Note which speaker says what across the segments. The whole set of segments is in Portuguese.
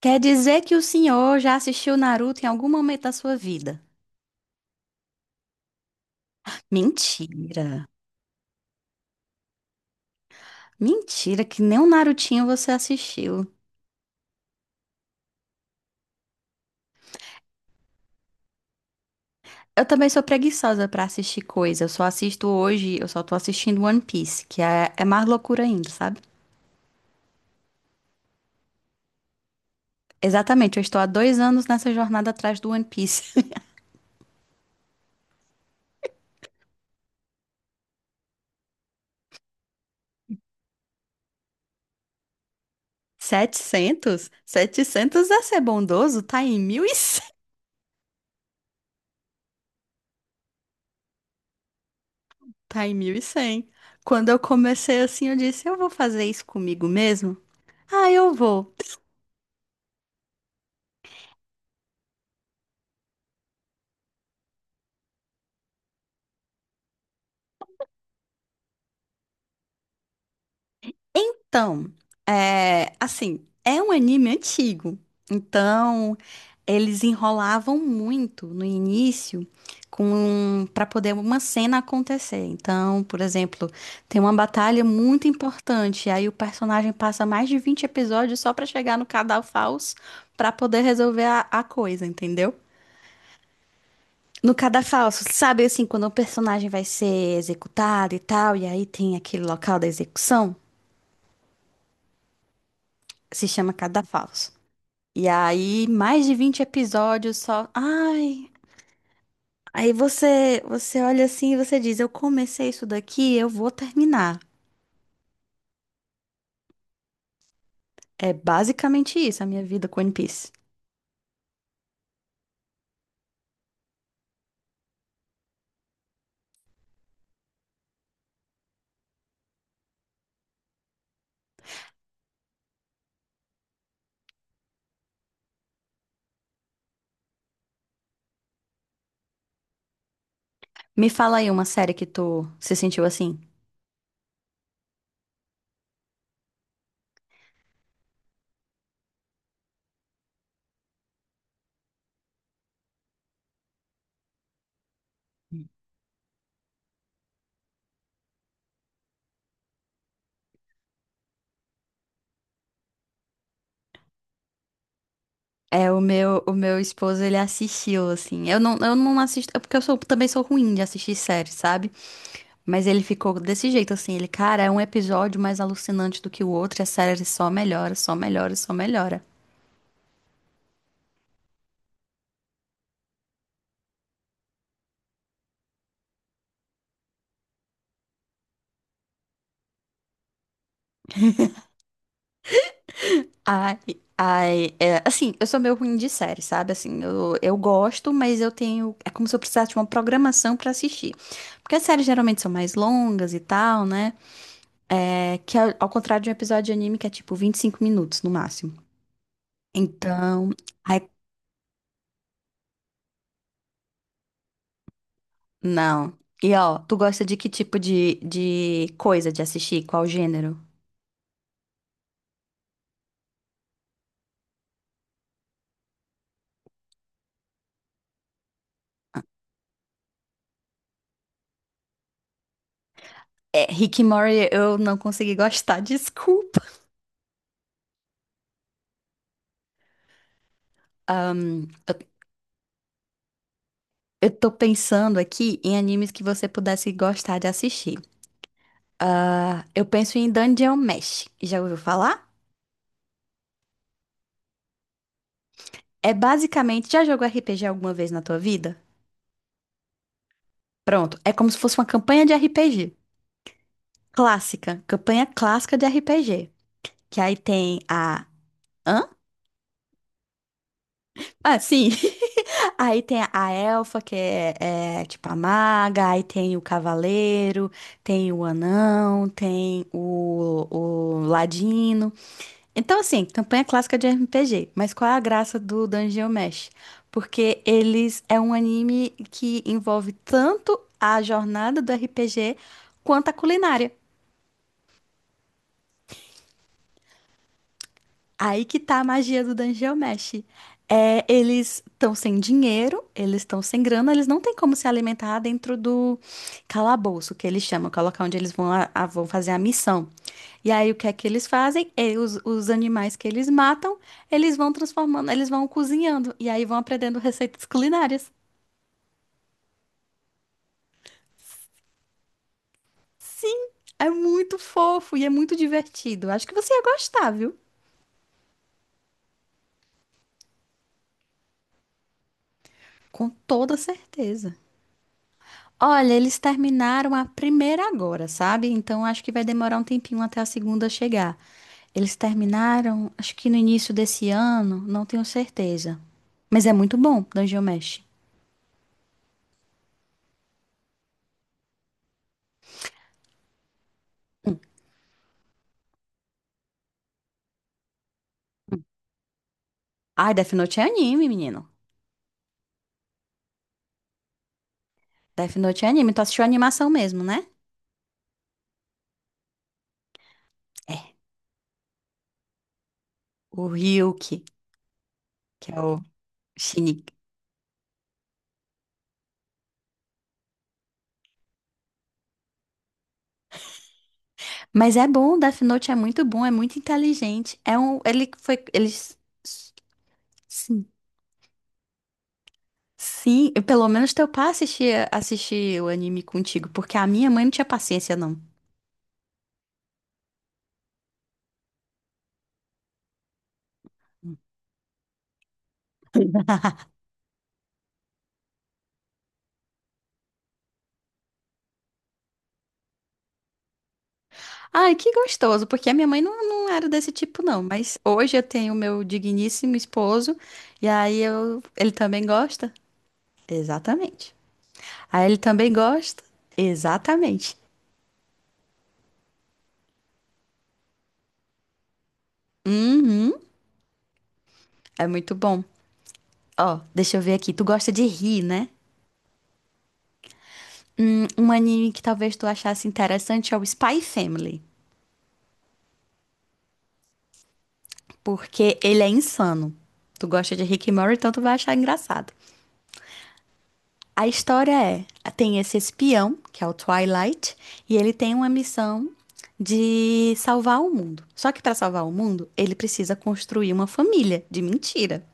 Speaker 1: Quer dizer que o senhor já assistiu Naruto em algum momento da sua vida? Mentira. Mentira, que nem um Narutinho você assistiu. Eu também sou preguiçosa pra assistir coisa. Eu só assisto hoje, eu só tô assistindo One Piece, que é mais loucura ainda, sabe? Exatamente, eu estou há 2 anos nessa jornada atrás do One Piece. 700, 700 é ser bondoso? Tá em 1.100. Tá em 1.100. Quando eu comecei assim, eu disse, eu vou fazer isso comigo mesmo? Ah, eu vou. Então, é, assim, é um anime antigo. Então, eles enrolavam muito no início com para poder uma cena acontecer. Então, por exemplo, tem uma batalha muito importante, aí o personagem passa mais de 20 episódios só pra chegar no Cadafalso pra poder resolver a coisa, entendeu? No cadafalso, sabe assim, quando o personagem vai ser executado e tal, e aí tem aquele local da execução, se chama cadafalso. E aí, mais de 20 episódios só. Ai, aí você olha assim e você diz: eu comecei isso daqui, eu vou terminar. É basicamente isso, a minha vida com One Piece. Me fala aí uma série que tu se sentiu assim. É, o meu esposo, ele assistiu, assim. Eu não assisto, é porque eu sou, também sou ruim de assistir séries, sabe? Mas ele ficou desse jeito, assim. Ele, cara, é um episódio mais alucinante do que o outro, e a série só melhora, só melhora, só melhora. Ai, ai, é, assim, eu sou meio ruim de série, sabe? Assim, eu gosto, mas eu tenho. É como se eu precisasse de uma programação pra assistir. Porque as séries geralmente são mais longas e tal, né? É, que ao contrário de um episódio de anime que é tipo 25 minutos no máximo. Então, ai, não. E ó, tu gosta de que tipo de coisa de assistir? Qual gênero? É, Rick and Morty eu não consegui gostar, desculpa. Ahn, eu Eu tô pensando aqui em animes que você pudesse gostar de assistir. Ah, eu penso em Dungeon Mesh. Já ouviu falar? É basicamente, já jogou RPG alguma vez na tua vida? Pronto, é como se fosse uma campanha de RPG. Clássica, campanha clássica de RPG. Que aí tem a. Hã? Ah, sim. Aí tem a elfa, que é, é tipo a maga, aí tem o cavaleiro, tem o anão, tem o ladino. Então, assim, campanha clássica de RPG, mas qual é a graça do Dungeon Mesh? Porque eles é um anime que envolve tanto a jornada do RPG quanto a culinária. Aí que tá a magia do Dungeon Mesh. É, eles estão sem dinheiro, eles estão sem grana, eles não têm como se alimentar dentro do calabouço, que eles chamam, que é o local onde eles vão, vão fazer a missão. E aí o que é que eles fazem? E os animais que eles matam, eles vão transformando, eles vão cozinhando, e aí vão aprendendo receitas culinárias. Sim, é muito fofo e é muito divertido. Acho que você ia gostar, viu? Com toda certeza. Olha, eles terminaram a primeira agora, sabe? Então acho que vai demorar um tempinho até a segunda chegar. Eles terminaram, acho que no início desse ano, não tenho certeza. Mas é muito bom, Dungeon Mesh. Ai, Death Note é anime, menino. Death Note é anime. Tu assistiu a animação mesmo, né? É. O Ryuki, que é o Shinigami. Mas é bom, Death Note é muito bom, é muito inteligente. É um, ele foi, eles. Sim, e pelo menos teu pai assistia, assistia o anime contigo, porque a minha mãe não tinha paciência, não. Ai, que gostoso, porque a minha mãe não, não era desse tipo, não. Mas hoje eu tenho o meu digníssimo esposo, e aí eu, ele também gosta? Exatamente. Aí ele também gosta? Exatamente. Uhum, é muito bom. Ó, deixa eu ver aqui, tu gosta de rir, né? Um anime que talvez tu achasse interessante é o Spy Family. Porque ele é insano. Tu gosta de Rick e Morty, então tu vai achar engraçado. A história é, tem esse espião, que é o Twilight, e ele tem uma missão de salvar o mundo. Só que para salvar o mundo, ele precisa construir uma família de mentira.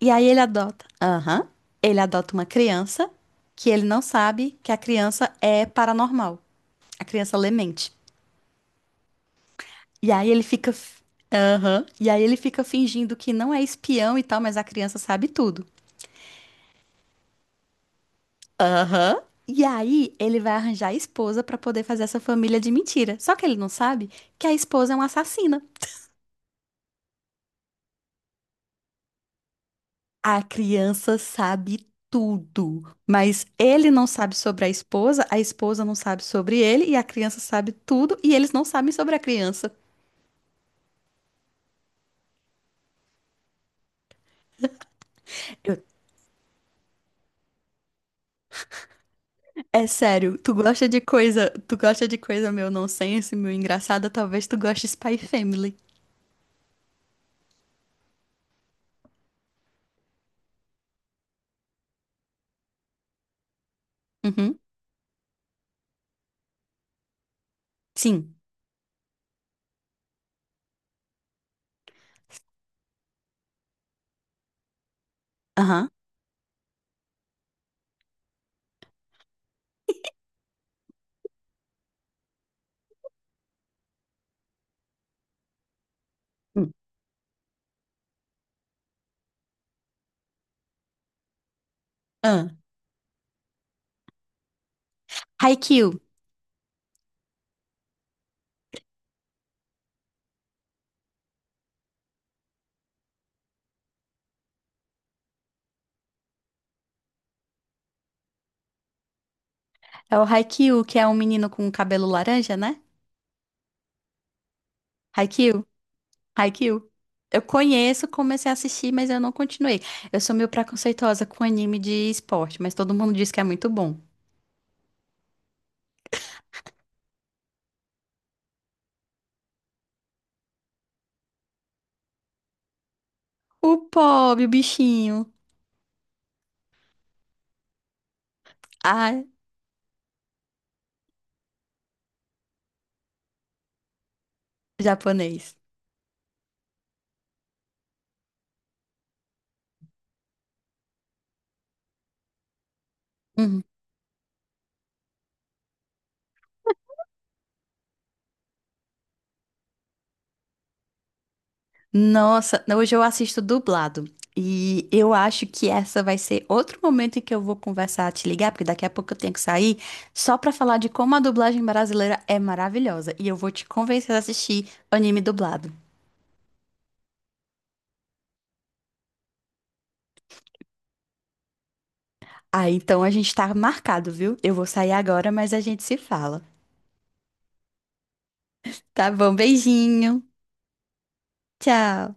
Speaker 1: E aí ele adota, aham, ele adota uma criança que ele não sabe que a criança é paranormal. A criança lê mente. E aí aham, e aí ele fica fingindo que não é espião e tal, mas a criança sabe tudo. Aham. E aí, ele vai arranjar a esposa pra poder fazer essa família de mentira. Só que ele não sabe que a esposa é uma assassina. A criança sabe tudo, mas ele não sabe sobre a esposa não sabe sobre ele, e a criança sabe tudo, e eles não sabem sobre a criança. Eu- É sério, tu gosta de coisa, tu gosta de coisa meu nonsense, meu engraçada, talvez tu goste de Spy Family. Uhum. Sim. Aham. Hum. Ah. Haikyuu. É o Haikyuu, que é um menino com cabelo laranja, né? Haikyuu, Haikyuu. Eu conheço, comecei a assistir, mas eu não continuei. Eu sou meio preconceituosa com anime de esporte, mas todo mundo diz que é muito bom. O pobre, o bichinho. Ai, japonês. Uhum. Nossa, hoje eu assisto dublado. E eu acho que essa vai ser outro momento em que eu vou conversar, te ligar, porque daqui a pouco eu tenho que sair, só pra falar de como a dublagem brasileira é maravilhosa. E eu vou te convencer a assistir anime dublado. Ah, então a gente tá marcado, viu? Eu vou sair agora, mas a gente se fala. Tá bom, beijinho. Tchau.